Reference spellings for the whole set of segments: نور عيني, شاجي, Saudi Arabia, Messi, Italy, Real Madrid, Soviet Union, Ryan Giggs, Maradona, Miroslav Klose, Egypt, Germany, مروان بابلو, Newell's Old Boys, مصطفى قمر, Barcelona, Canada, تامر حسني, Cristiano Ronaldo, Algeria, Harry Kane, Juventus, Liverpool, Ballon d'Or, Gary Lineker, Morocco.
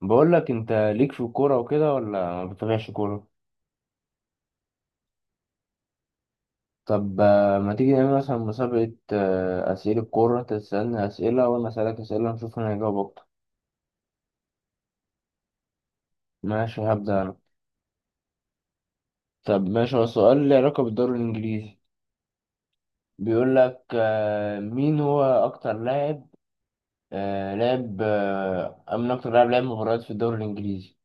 بقول لك انت ليك في الكوره وكده، ولا ما بتتابعش كوره؟ طب ما تيجي نعمل مثلا مسابقه، اسئله كوره، انت تسالني اسئله وانا اسالك اسئله، نشوف مين هيجاوب اكتر. ماشي، هبدا انا. طب ماشي، هو السؤال له علاقه بالدوري الانجليزي. بيقول لك مين هو اكتر لاعب آه، لاعب آه، من اكتر لاعب لعب مباريات في الدوري الانجليزي.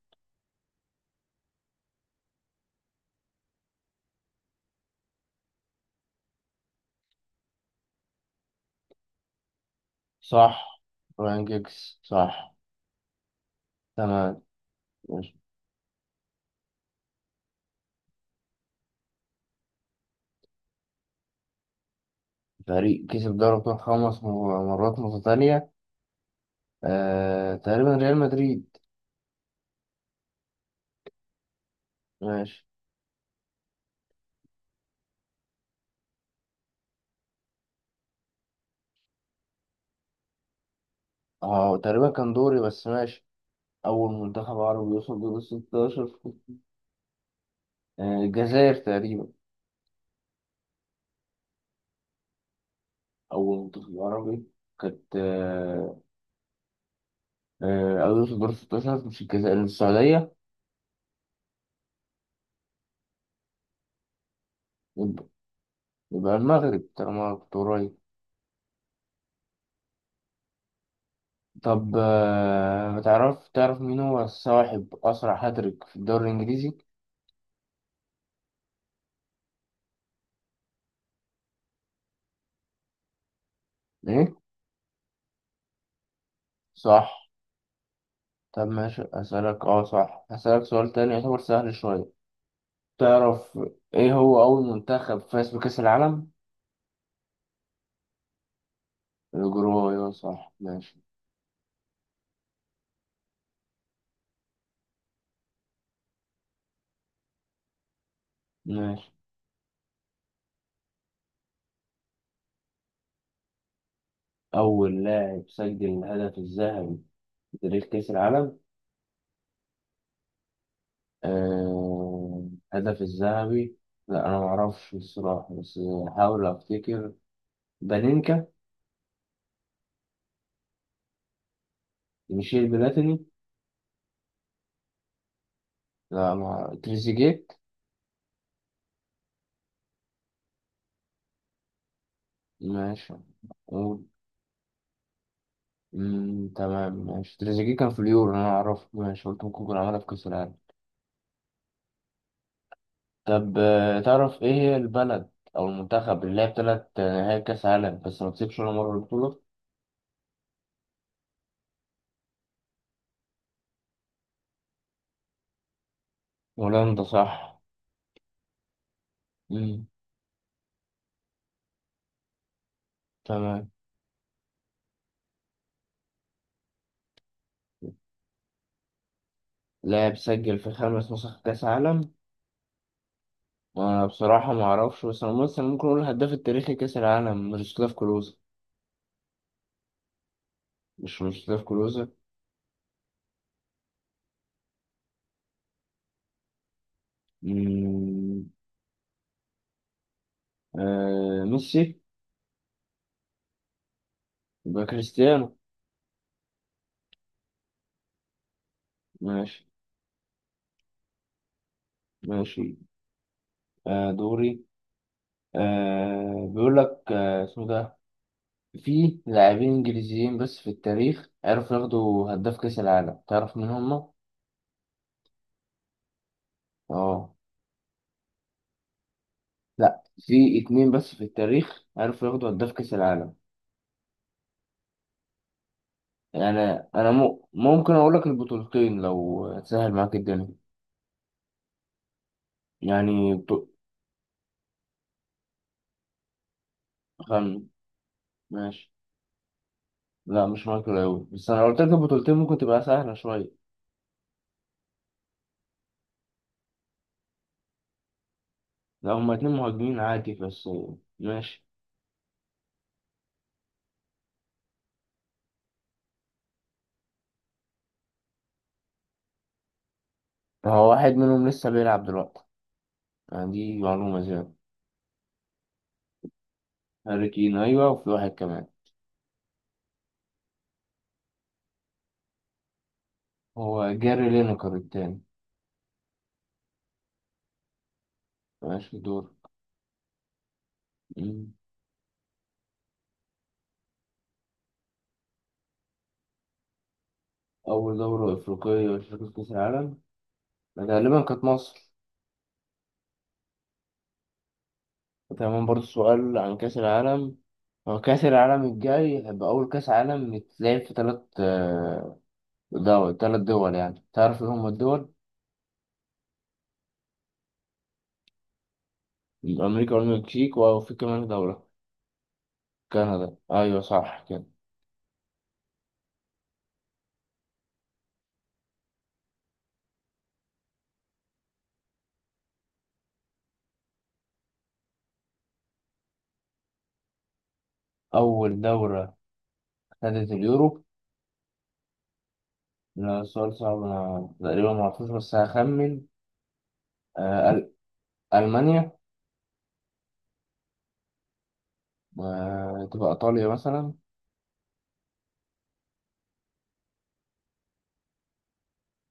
صح. راين جيكس صح. تمام. ماشي. فريق كسب دوري ابطال خمس مرات متتاليه، تقريبا ريال مدريد. ماشي. اه تقريبا كان دوري، بس ماشي. أول منتخب عربي يوصل دور الستاشر، الجزائر تقريبا. أول منتخب عربي كانت آه، آه، أو يوصل دور الستاشر، مش الجزائر، السعودية. يبقى يبقى المغرب طالما كنت قريب. طب ما تعرف مين هو صاحب أسرع هاتريك في الدوري الإنجليزي؟ إيه؟ صح. طب ماشي، أسألك صح، هسألك سؤال تاني يعتبر سهل شوية. تعرف إيه هو أول منتخب فاز بكأس العالم؟ الأجرو أيوة صح ماشي. ماشي. أول لاعب سجل الهدف الذهبي في تاريخ كأس العالم. آه... الهدف الذهبي، لا أنا معرفش الصراحة، بس هحاول أفتكر. بانينكا. ميشيل بلاتيني. لا، مع تريزيجيه. ماشي، قول. تمام ماشي، تريزيجيه كان في اليورو أنا أعرفه، ماشي قلت ممكن يكون عملها في كأس العالم. طب تعرف إيه هي البلد أو المنتخب اللي لعب تلات نهائي كأس عالم، بس ما كسبش ولا مرة البطولة؟ هولندا صح. مم. تمام. لاعب سجل في خمس نسخ كأس عالم. وأنا بصراحة ما أعرفش، بس أنا مثلا ممكن أقول الهداف التاريخي كأس العالم ميروسلاف كلوزا. مش ميروسلاف كلوزا. مم. ميسي. يبقى كريستيانو. ماشي. ماشي. آه دوري آه بيقول لك، اسمه ده، في لاعبين إنجليزيين بس في التاريخ عرفوا ياخدوا هداف كأس العالم، تعرف مين هما؟ اه. لا، في اتنين بس في التاريخ عرفوا ياخدوا هداف كأس العالم، يعني انا مو ممكن اقول لك البطولتين لو تسهل معاك الدنيا، يعني خم... ماشي. لا مش مايكل اوي، بس انا لو قلت لك البطولتين ممكن تبقى سهلة شوية. لا هما اتنين مهاجمين عادي بس. ماشي. هو واحد منهم لسه بيلعب دلوقتي، يعني دي معلومة زيادة. هاري كين، ايوه وفي واحد كمان. هو جاري لينكر التاني. ماشي دور. مم. أول دورة أفريقية شاركت في كأس العالم غالبا كانت مصر. وتمام، برضه سؤال عن كأس العالم. هو كأس العالم الجاي هيبقى أول كأس عالم يتلعب في تلات دول، يعني تعرف إيه هما الدول؟ أمريكا والمكسيك، وفي كمان دولة. كندا أيوة صح كده. أول دولة خدت اليورو. لا، سؤال صعب، أنا تقريبا معرفوش بس هخمن. آه، أل- ألمانيا. تبقى إيطاليا مثلا.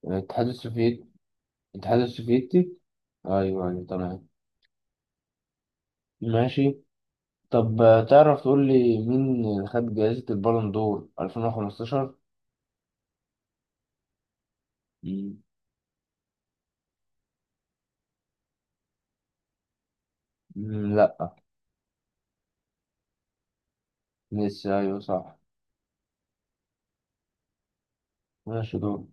الاتحاد السوفيتي. الاتحاد السوفيتي. أيوة أيوة تمام. ماشي. طب تعرف تقول لي مين اللي خد جائزة البالون دور 2015؟ مم. مم، لا. ميسي أيوه صح. ماشي دور.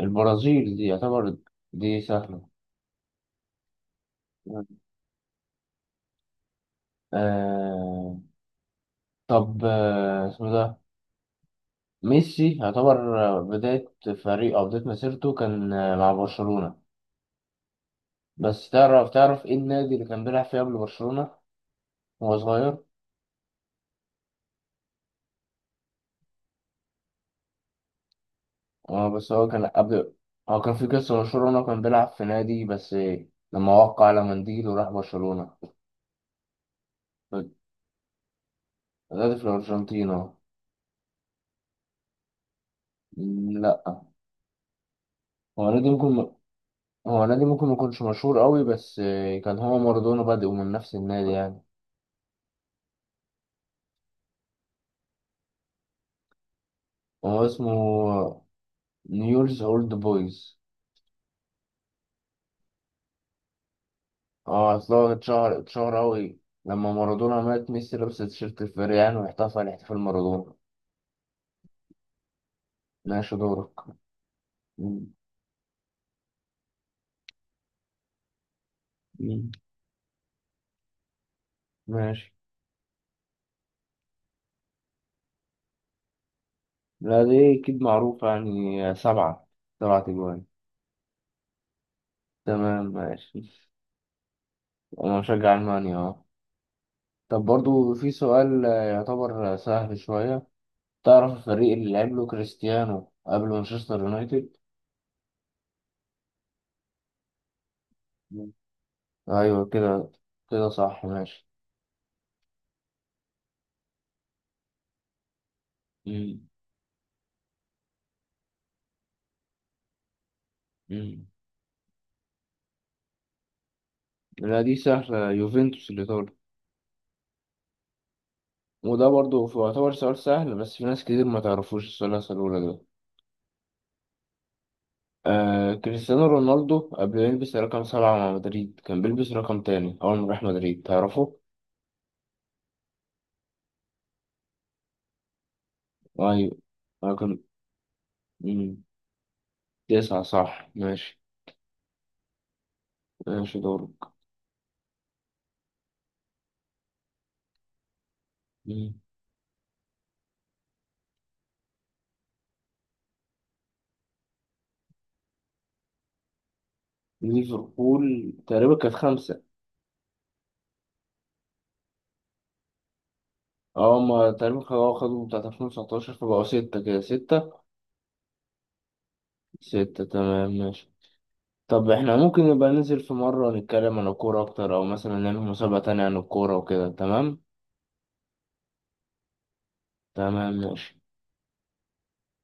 البرازيل دي يعتبر. دي سهلة. آه... طب، اسمه ده، ميسي يعتبر بداية فريق، أو بداية مسيرته كان مع برشلونة، بس تعرف إيه النادي اللي كان بيلعب فيه قبل برشلونة وهو صغير؟ اه بس هو كان قبل. هو كان في قصة مشهورة، إن هو كان بيلعب في نادي، بس لما وقع على منديل وراح برشلونة. نادي في الأرجنتين، اه. مم، لأ. هو نادي ممكن هو نادي ممكن ميكونش مشهور قوي، بس كان هو مارادونا بادئ من نفس النادي يعني. هو اسمه نيولز أولد بويز. اه، أصل هو اتشهر قوي لما مارادونا مات، ميسي لبس تيشيرت الفريق يعني، واحتفل احتفال مارادونا. ماشي دورك. مم. مم. ماشي. لا دي أكيد معروفة، يعني سبعة، سبعة أجوان. تمام ماشي. أنا مشجع ألمانيا أه. طب برضو في سؤال يعتبر سهل شوية، تعرف الفريق اللي لعب له كريستيانو قبل مانشستر يونايتد؟ مم. أيوة كده، كده صح ماشي. مم. مم. لا دي سهلة، يوفنتوس الإيطالي. وده برضو يعتبر سؤال سهل، بس في ناس كتير ما تعرفوش السؤال اللي هسأله لك ده. كريستيانو رونالدو قبل ما يلبس رقم سبعة مع مدريد كان بيلبس رقم تاني أول ما راح مدريد، تعرفه؟ أيوة. أنا كنت. مم، تسعة صح ماشي. ماشي دورك. مم. ليفربول تقريبا كانت خمسة. اه ما تقريبا خدوا بتاعت 2019 فبقوا ستة، كده ستة، ستة تمام ماشي. طب احنا ممكن نبقى ننزل في مرة نتكلم عن الكورة أكتر، أو مثلا نعمل مسابقة تانية عن الكورة وكده، تمام؟ تمام ماشي.